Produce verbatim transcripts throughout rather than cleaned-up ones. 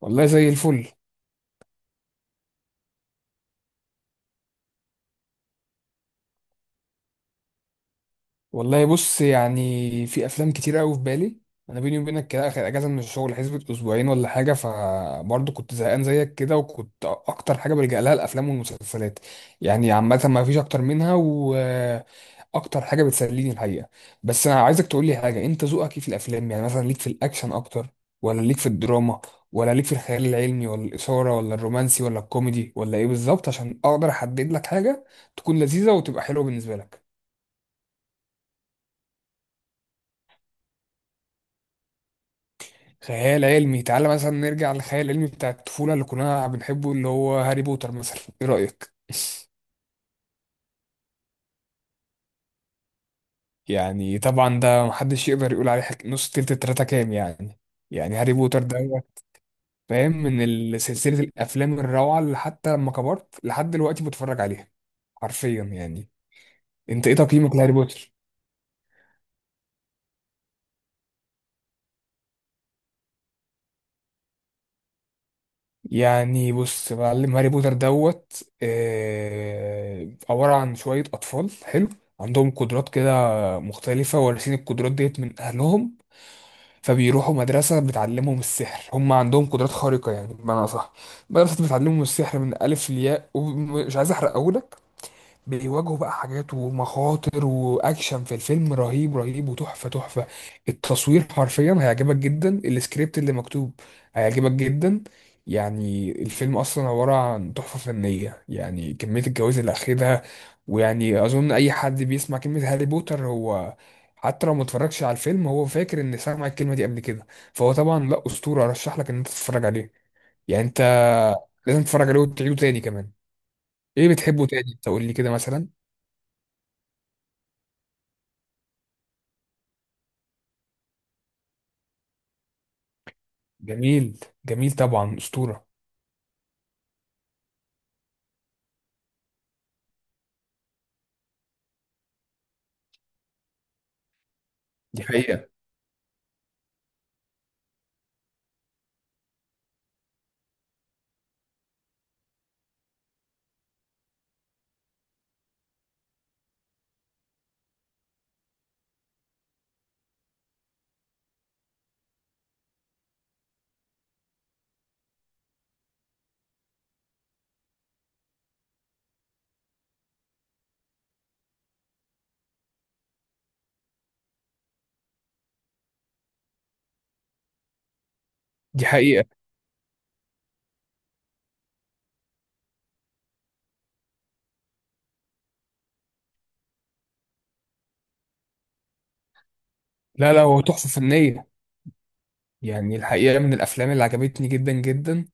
والله زي الفل. والله بص، يعني في افلام كتير قوي في بالي. انا بيني وبينك كده، اخر اجازه من الشغل حسبت اسبوعين ولا حاجه، فبرضه كنت زهقان زيك كده، وكنت اكتر حاجه بلجأ لها الافلام والمسلسلات. يعني عامه ما فيش اكتر منها، واكتر حاجه بتسليني الحقيقه. بس انا عايزك تقول لي حاجه، انت ذوقك ايه في الافلام؟ يعني مثلا ليك في الاكشن اكتر، ولا ليك في الدراما، ولا ليك في الخيال العلمي، ولا الاثاره، ولا الرومانسي، ولا الكوميدي، ولا ايه بالظبط، عشان اقدر احدد لك حاجه تكون لذيذه وتبقى حلوه بالنسبه لك. خيال علمي؟ تعالى مثلا نرجع للخيال العلمي بتاع الطفولة اللي كنا بنحبه، اللي هو هاري بوتر مثلا، ايه رأيك؟ يعني طبعا ده محدش يقدر يقول عليه حك... نص تلت التلاتة كام يعني. يعني هاري بوتر ده هو، فاهم، من ال- سلسلة الأفلام الروعة اللي حتى لما كبرت لحد دلوقتي بتفرج عليها، حرفيا يعني. انت ايه تقييمك لهاري بوتر؟ يعني بص معلم، هاري بوتر دوت آه، عبارة عن شوية أطفال حلو، عندهم قدرات كده مختلفة، وارثين القدرات ديت من أهلهم، فبيروحوا مدرسة بتعلمهم السحر، هم عندهم قدرات خارقة يعني بمعنى أصح، مدرسة بتعلمهم السحر من ألف لياء، ومش عايز أحرق أقولك. بيواجهوا بقى حاجات ومخاطر واكشن في الفيلم، رهيب رهيب وتحفه تحفه. التصوير حرفيا هيعجبك جدا، السكريبت اللي مكتوب هيعجبك جدا. يعني الفيلم اصلا عباره عن تحفه فنيه، يعني كميه الجوائز اللي اخدها. ويعني اظن اي حد بيسمع كلمه هاري بوتر، هو حتى لو ما اتفرجش على الفيلم هو فاكر ان سمع الكلمه دي قبل كده. فهو طبعا لا اسطوره، ارشح لك ان انت تتفرج عليه. يعني انت لازم تتفرج عليه وتعيده تاني كمان. ايه بتحبه تاني؟ تقول لي كده مثلا. جميل، جميل طبعا أسطورة. دي حقيقة. دي حقيقة. لا لا، هو تحفة فنية. يعني الحقيقة من الأفلام اللي عجبتني جدا جدا،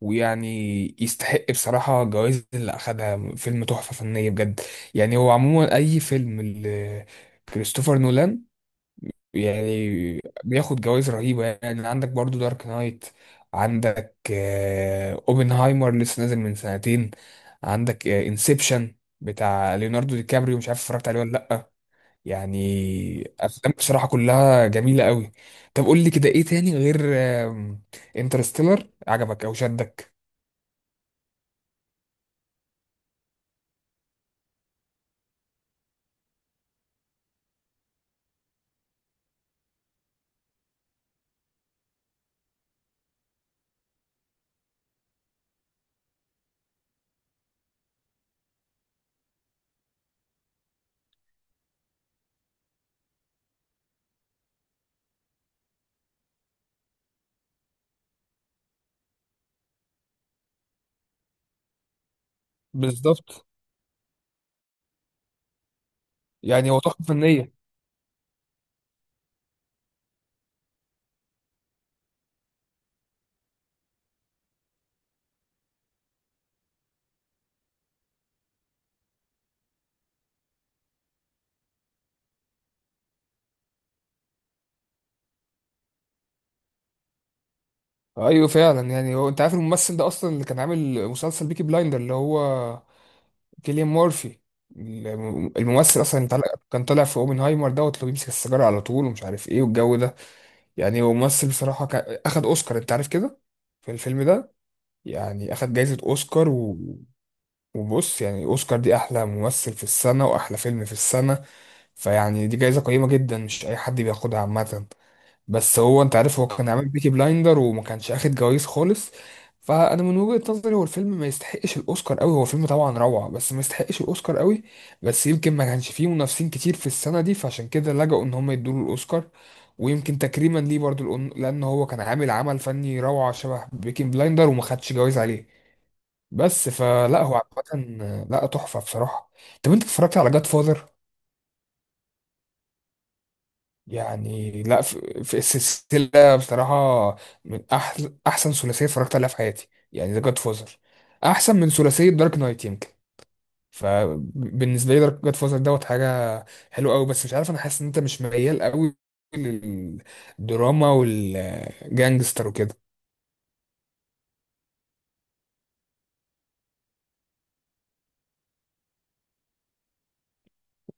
ويعني يستحق بصراحة الجوائز اللي أخدها، فيلم تحفة فنية بجد. يعني هو عموما أي فيلم ل- كريستوفر نولان يعني بياخد جوائز رهيبة. يعني عندك برضو دارك نايت، عندك آه، أوبنهايمر لسه نازل من سنتين، عندك انسبشن بتاع ليوناردو دي كابريو، مش عارف اتفرجت عليه ولا لأ. يعني افلام بصراحه كلها جميله قوي. طب قول لي كده، ايه تاني غير انترستيلر عجبك او شدك؟ بالظبط. يعني هو تحفه فنيه. ايوه فعلا. يعني هو، انت عارف الممثل ده اصلا اللي كان عامل مسلسل بيكي بلايندر، اللي هو كيليان مورفي؟ الم- الممثل اصلا اللي طلع- كان طالع في اوبنهايمر دوت، اللي بيمسك السيجاره على طول ومش عارف ايه والجو ده. يعني هو ممثل بصراحه كان- اخد اوسكار، انت عارف كده، في الفيلم ده. يعني اخد جائزه اوسكار. وبص، يعني اوسكار دي احلى ممثل في السنه واحلى فيلم في السنه، فيعني دي جايزه قيمه جدا، مش اي حد بياخدها عامه. بس هو انت عارف هو كان عامل بيكي بلايندر وما كانش اخد جوائز خالص. فانا من وجهه نظري، هو الفيلم ما يستحقش الاوسكار قوي، هو فيلم طبعا روعه بس ما يستحقش الاوسكار قوي. بس يمكن ما كانش فيه منافسين كتير في السنه دي، فعشان كده لجأوا ان هم يدوا له الاوسكار، ويمكن تكريما ليه برضو، لأن لأن هو كان عامل عمل فني روعة شبه بيكي بلايندر وما خدش جوائز عليه. بس فلا هو، عامة لا تحفة بصراحة. طب انت اتفرجت على جاد فاذر؟ يعني لا في, في السلسلة بصراحة، من أحل أحسن ثلاثية اتفرجت عليها في حياتي، يعني ذا جاد فاذر أحسن من ثلاثية دارك نايت يمكن. فبالنسبة لي دارك جاد فاذر دوت حاجة حلوة أوي. بس مش عارف، أنا حاسس إن أنت مش ميال أوي للدراما والجانجستر وكده.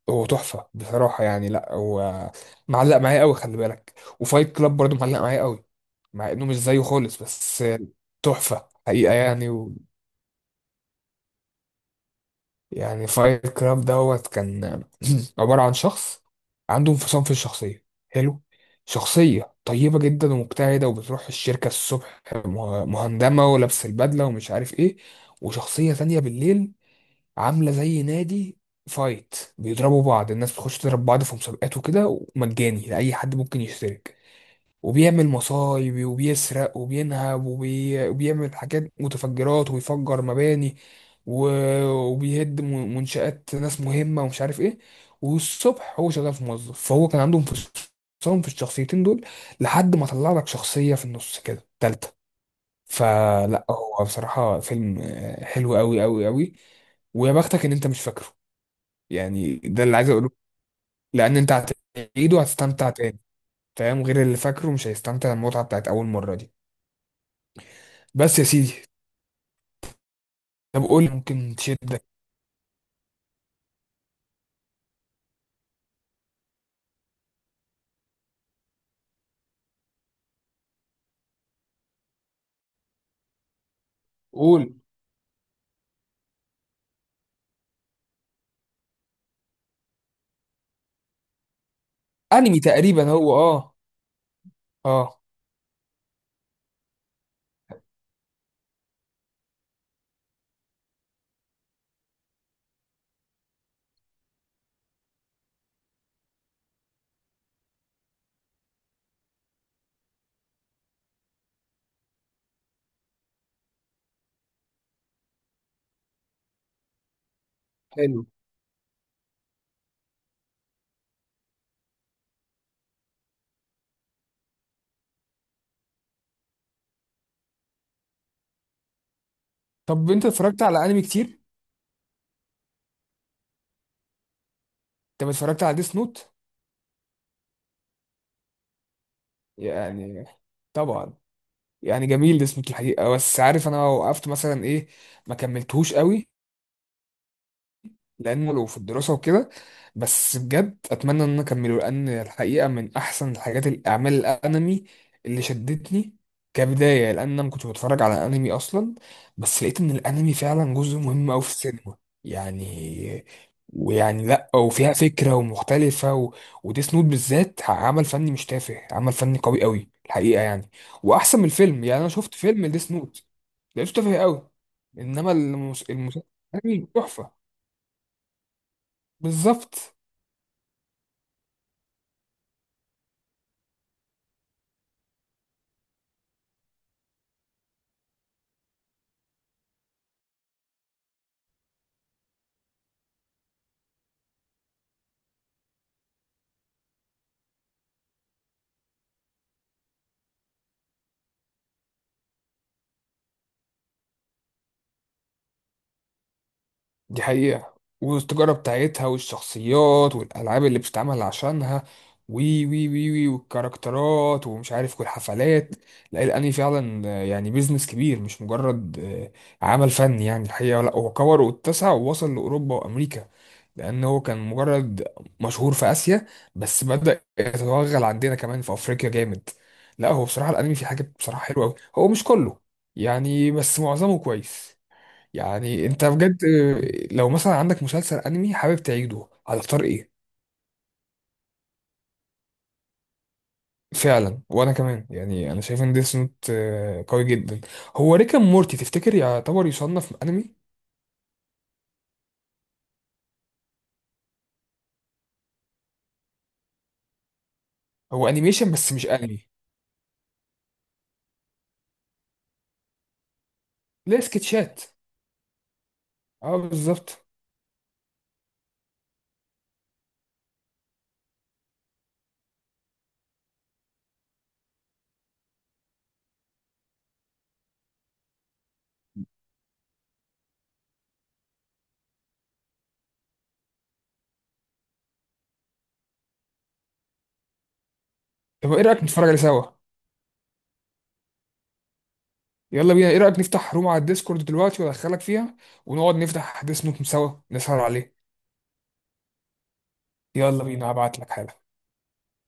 هو تحفة بصراحة. يعني لا هو معلق معايا قوي، خلي بالك. وفايت كلاب برضو معلق معايا قوي، مع انه مش زيه خالص، بس تحفة حقيقة يعني و... يعني فايت كلاب دوت كان عبارة عن شخص عنده انفصام في الشخصية. حلو. شخصية طيبة جدا ومجتهدة وبتروح الشركة الصبح مه- مهندمة ولابس البدلة ومش عارف ايه، وشخصية تانية بالليل، عامله زي نادي فايت، بيضربوا بعض، الناس بتخش تضرب بعض في مسابقات وكده، ومجاني لاي حد ممكن يشترك. وبيعمل مصايب وبيسرق وبينهب وبي... وبيعمل حاجات متفجرات وبيفجر مباني و... وبيهد م- منشآت ناس مهمة ومش عارف ايه. والصبح هو شغال في موظف. فهو كان عندهم انفصام في الشخصيتين دول، لحد ما طلع لك شخصية في النص كده تالتة. فلا هو بصراحة فيلم آه، حلو قوي قوي قوي. ويا بختك ان انت مش فاكره. يعني ده اللي عايز اقوله، لان انت هتعيده هتستمتع تاني. فاهم؟ غير اللي فاكره مش هيستمتع المتعة بتاعت اول مرة دي. بس يا سيدي. طب قول، ممكن تشدك؟ قول. انمي تقريبا هو، اه. اه حلو. طب انت اتفرجت على انمي كتير؟ طب اتفرجت على ديس نوت؟ يعني طبعا. يعني جميل ديس نوت الحقيقة، بس عارف انا وقفت مثلا ايه؟ ما كملتهوش قوي، العلم وفي الدراسة وكده. بس بجد أتمنى إن أنا أكمله، لأن الحقيقة من أحسن الحاجات الأعمال الأنمي اللي شدتني كبداية، لأن أنا ما كنتش بتفرج على أنمي أصلا. بس لقيت إن الأنمي فعلا جزء مهم أوي في السينما. يعني ويعني لأ، وفيها فكرة ومختلفة و... وديس نوت بالذات عمل فني مش تافه، عمل فني قوي أوي الحقيقة يعني، وأحسن من الفيلم. يعني أنا شفت فيلم ديس نوت لقيته تافه أوي، إنما المس... المسلسل تحفة. بالظبط. دي حقيقة. والتجارة بتاعتها والشخصيات والألعاب اللي بتتعمل عشانها، وي وي وي وي والكاركترات ومش عارف والحفلات. لا الأنمي فعلا آه، يعني بيزنس كبير، مش مجرد آه، عمل فني يعني الحقيقة. لا هو كبر واتسع ووصل لأوروبا وأمريكا، لأن هو كان مجرد مشهور في آسيا، بس بدأ يتوغل عندنا كمان في أفريقيا جامد. لا هو بصراحة الأنمي فيه حاجات بصراحة حلوة أوي، هو مش كله يعني، بس معظمه كويس. يعني انت بجد لو مثلا عندك مسلسل انمي حابب تعيده هتختار ايه؟ فعلا، وانا كمان. يعني انا شايف ان ديس نوت قوي جدا. هو ريك اند مورتي تفتكر يعتبر يصنف انمي؟ هو انيميشن بس مش انمي، ليه سكتشات. اه بالظبط. طب ايه رايك نتفرج عليه سوا؟ يلا بينا. ايه رايك نفتح روم على الديسكورد دلوقتي وادخلك فيها ونقعد نفتح ديس نوت سوا نسهر عليه؟ يلا بينا، هبعت لك حالا.